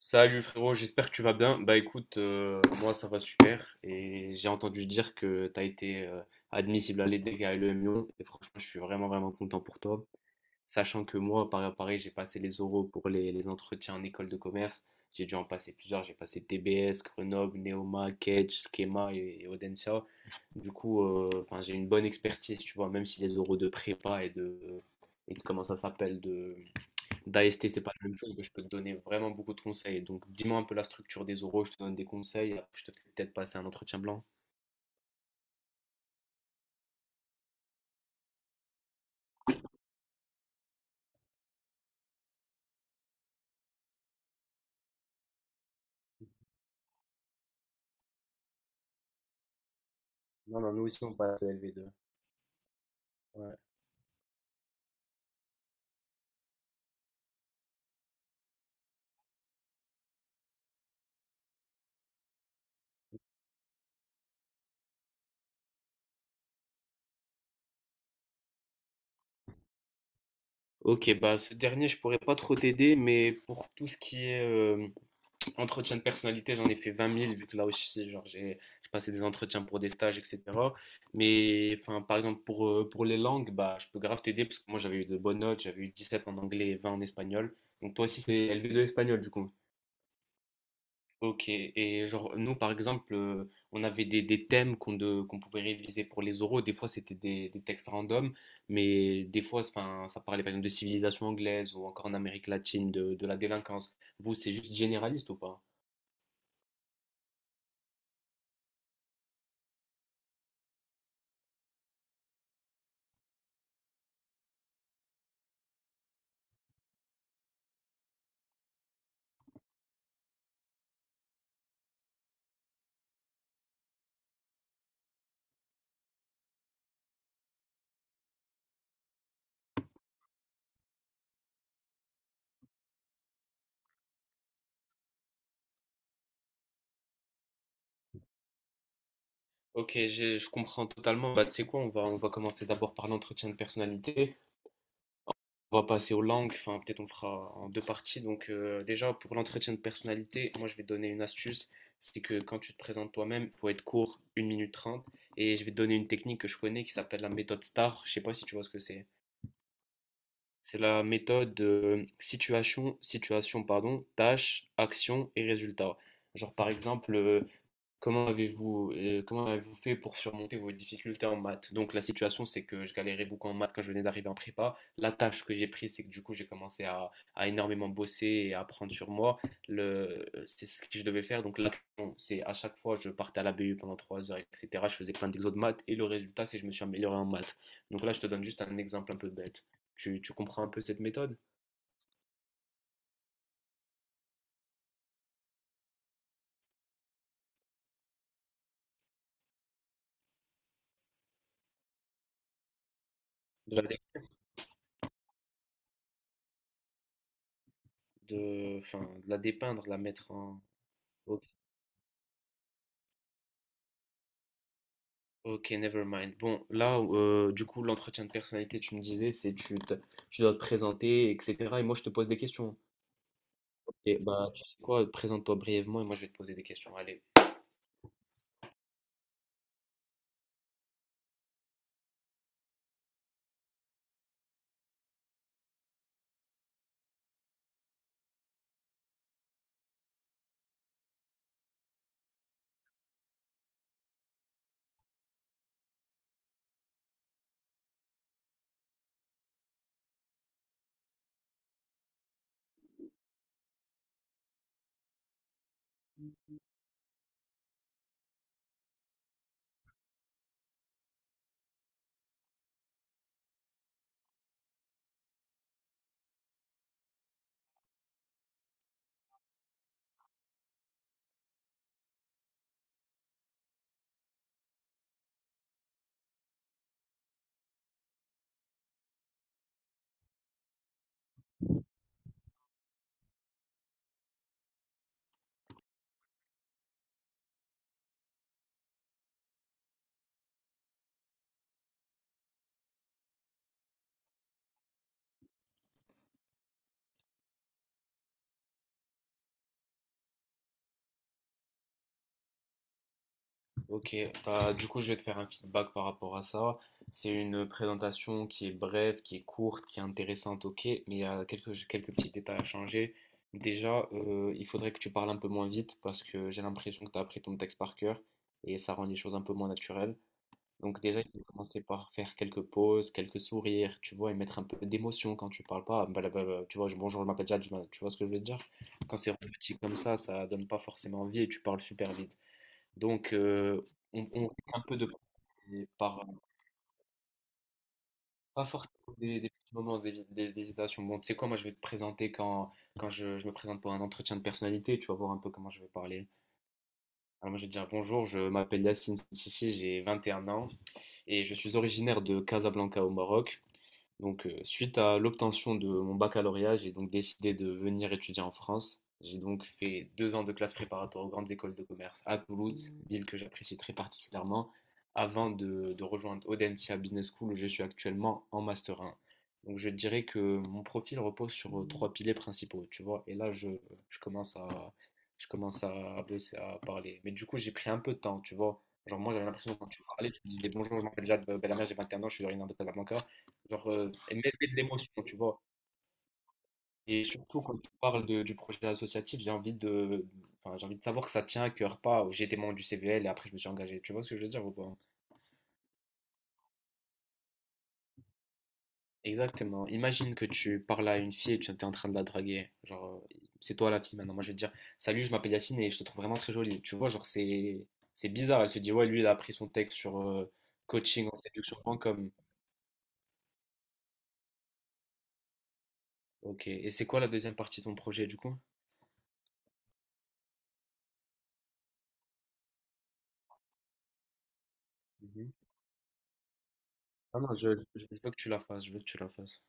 Salut frérot, j'espère que tu vas bien. Bah écoute, moi ça va super et j'ai entendu dire que tu as été admissible à l'EDEC et à l'EM Lyon et franchement je suis vraiment vraiment content pour toi. Sachant que moi, pareil, pareil, j'ai passé les oraux pour les entretiens en école de commerce. J'ai dû en passer plusieurs, j'ai passé TBS, Grenoble, Neoma, Kedge, Schema et Audencia. Du coup, enfin, j'ai une bonne expertise, tu vois, même si les oraux de prépa et de comment ça s'appelle, d'AST, c'est pas la même chose, mais je peux te donner vraiment beaucoup de conseils. Donc, dis-moi un peu la structure des oraux, je te donne des conseils. Après, je te fais peut-être passer un entretien blanc. Non, non, nous aussi, on passe au LV2. Ouais. Ok, bah ce dernier, je pourrais pas trop t'aider, mais pour tout ce qui est entretien de personnalité, j'en ai fait 20 000, vu que là aussi, genre, j'ai passé des entretiens pour des stages, etc. Mais enfin, par exemple, pour les langues, bah, je peux grave t'aider, parce que moi, j'avais eu de bonnes notes, j'avais eu 17 en anglais et 20 en espagnol. Donc, toi aussi, c'est LV2 espagnol, du coup. Ok, et genre, nous par exemple, on avait des thèmes qu'on pouvait réviser pour les oraux. Des fois, c'était des textes random, mais des fois, enfin, ça parlait par exemple de civilisation anglaise ou encore en Amérique latine, de la délinquance. Vous, c'est juste généraliste ou pas? Ok, je comprends totalement. Bah, tu sais quoi, on va commencer d'abord par l'entretien de personnalité. On va passer aux langues, enfin peut-être on fera en deux parties. Donc déjà pour l'entretien de personnalité, moi je vais te donner une astuce, c'est que quand tu te présentes toi-même, il faut être court, une minute 30. Et je vais te donner une technique que je connais qui s'appelle la méthode STAR, je sais pas si tu vois ce que c'est. C'est la méthode de situation, situation pardon, tâche, action et résultat. Genre par exemple, comment avez-vous comment avez-vous fait pour surmonter vos difficultés en maths? Donc la situation c'est que je galérais beaucoup en maths quand je venais d'arriver en prépa. La tâche que j'ai prise c'est que du coup j'ai commencé à énormément bosser et à apprendre sur moi. Le, c'est ce que je devais faire. Donc l'action c'est à chaque fois je partais à la BU pendant 3 heures, etc. Je faisais plein d'exos de maths et le résultat c'est que je me suis amélioré en maths. Donc là je te donne juste un exemple un peu bête. Tu comprends un peu cette méthode de la, dé- de, enfin, de la dépeindre, de la mettre en... Ok, never mind. Bon, là, du coup, l'entretien de personnalité, tu me disais, c'est tu dois te présenter, etc. Et moi, je te pose des questions. Et bah, tu sais quoi, présente-toi brièvement et moi, je vais te poser des questions. Allez. Ok, bah, du coup, je vais te faire un feedback par rapport à ça. C'est une présentation qui est brève, qui est courte, qui est intéressante, ok, mais il y a quelques petits détails à changer. Déjà, il faudrait que tu parles un peu moins vite parce que j'ai l'impression que tu as appris ton texte par cœur et ça rend les choses un peu moins naturelles. Donc déjà, il faut commencer par faire quelques pauses, quelques sourires, tu vois, et mettre un peu d'émotion quand tu parles pas. Blablabla, tu vois, bonjour, je m'appelle Jad, tu vois ce que je veux dire? Quand c'est petit comme ça donne pas forcément envie et tu parles super vite. Donc, on fait un peu de par pas forcément des petits moments d'hésitation. Bon, tu sais quoi, moi je vais te présenter quand je me présente pour un entretien de personnalité, tu vas voir un peu comment je vais parler. Alors moi je vais dire bonjour, je m'appelle Yacine Chichi, j'ai 21 ans et je suis originaire de Casablanca au Maroc. Donc, suite à l'obtention de mon baccalauréat, j'ai donc décidé de venir étudier en France. J'ai donc fait 2 ans de classe préparatoire aux grandes écoles de commerce à Toulouse, ville que j'apprécie très particulièrement, avant de rejoindre Audencia Business School où je suis actuellement en Master 1. Donc, je dirais que mon profil repose sur trois piliers principaux, tu vois. Et là, je commence à, je commence à bosser, à parler. Mais du coup, j'ai pris un peu de temps, tu vois. Genre, moi, j'avais l'impression que quand tu parlais, tu me disais bonjour, je m'appelle Jade Bellamère, j'ai 21 ans, je suis originaire de Casablanca. Genre, et mêler de l'émotion, tu vois. Et surtout, quand tu parles du projet associatif, j'ai envie de, enfin, j'ai envie de savoir que ça tient à cœur, pas j'ai été membre du CVL et après je me suis engagé. Tu vois ce que je veux dire ou pas? Exactement. Imagine que tu parles à une fille et tu es en train de la draguer. Genre, c'est toi la fille maintenant. Moi, je vais te dire, salut, je m'appelle Yacine et je te trouve vraiment très jolie. Tu vois, genre, c'est bizarre. Elle se dit, ouais, lui, il a appris son texte sur coaching en séduction.com. Ok. Et c'est quoi la deuxième partie de ton projet, du coup? Mhm. Ah non, je veux que tu la fasses. Je veux que tu la fasses.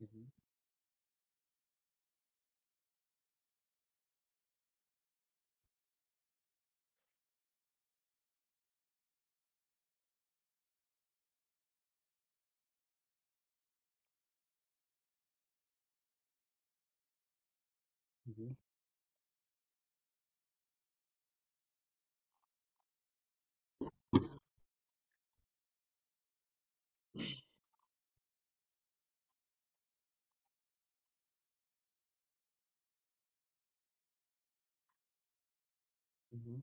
Mmh mh. Mmh mh. Mmh.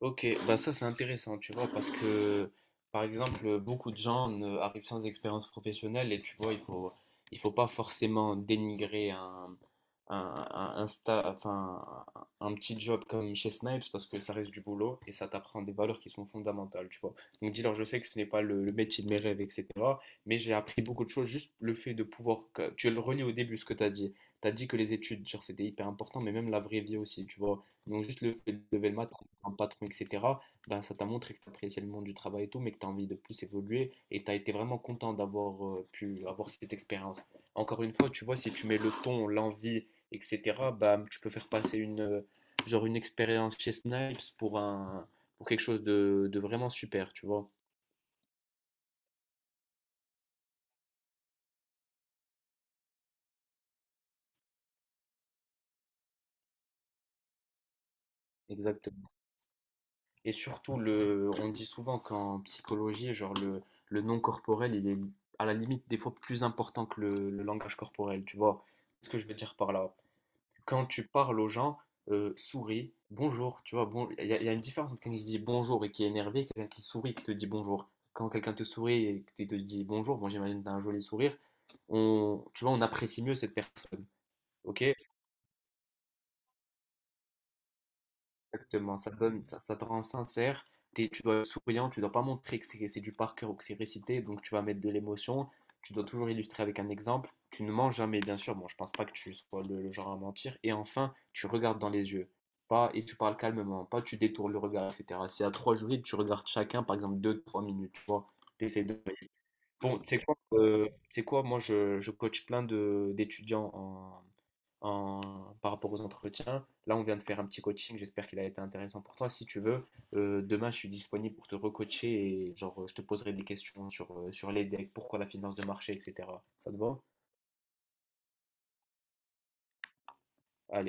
Ok, bah ça c'est intéressant, tu vois, parce que par exemple, beaucoup de gens arrivent sans expérience professionnelle et tu vois, il faut pas forcément dénigrer un, enfin, un petit job comme chez Snipes parce que ça reste du boulot et ça t'apprend des valeurs qui sont fondamentales, tu vois. Donc dis-leur, je sais que ce n'est pas le métier de mes rêves, etc. Mais j'ai appris beaucoup de choses, juste le fait de pouvoir. Tu le relis au début ce que tu as dit. Tu as dit que les études, genre, c'était hyper important, mais même la vraie vie aussi, tu vois. Donc juste le fait de lever le mat un patron, etc., ben, ça t'a montré que tu appréciais le monde du travail et tout, mais que tu as envie de plus évoluer et tu as été vraiment content d'avoir pu avoir cette expérience. Encore une fois, tu vois, si tu mets le ton, l'envie, etc., ben, tu peux faire passer une expérience chez Snipes pour quelque chose de vraiment super, tu vois. Exactement. Et surtout, on dit souvent qu'en psychologie, genre le non corporel, il est à la limite des fois plus important que le langage corporel. Tu vois ce que je veux dire par là? Quand tu parles aux gens, souris, bonjour, tu vois, bon, il y a une différence entre quelqu'un qui dit bonjour et qui est énervé, et quelqu'un qui sourit et qui te dit bonjour. Quand quelqu'un te sourit et que te dit bonjour, bon, j'imagine que tu as un joli sourire, tu vois, on apprécie mieux cette personne. Ok? Exactement, ça te rend sincère. Tu dois être souriant, tu dois pas montrer que c'est du par cœur ou que c'est récité, donc tu vas mettre de l'émotion. Tu dois toujours illustrer avec un exemple. Tu ne mens jamais, bien sûr. Bon, je pense pas que tu sois le genre à mentir. Et enfin, tu regardes dans les yeux. Pas, et tu parles calmement, pas tu détournes le regard, etc. S'il y a trois jurys, tu regardes chacun, par exemple, deux, trois minutes, tu vois. T'essaies de. Bon, c'est quoi, c'est quoi? Moi, je coach plein de d'étudiants en, par rapport aux entretiens. Là, on vient de faire un petit coaching. J'espère qu'il a été intéressant pour toi. Si tu veux, demain, je suis disponible pour te recoacher et genre, je te poserai des questions sur, sur les decks, pourquoi la finance de marché, etc. Ça te va? Allez.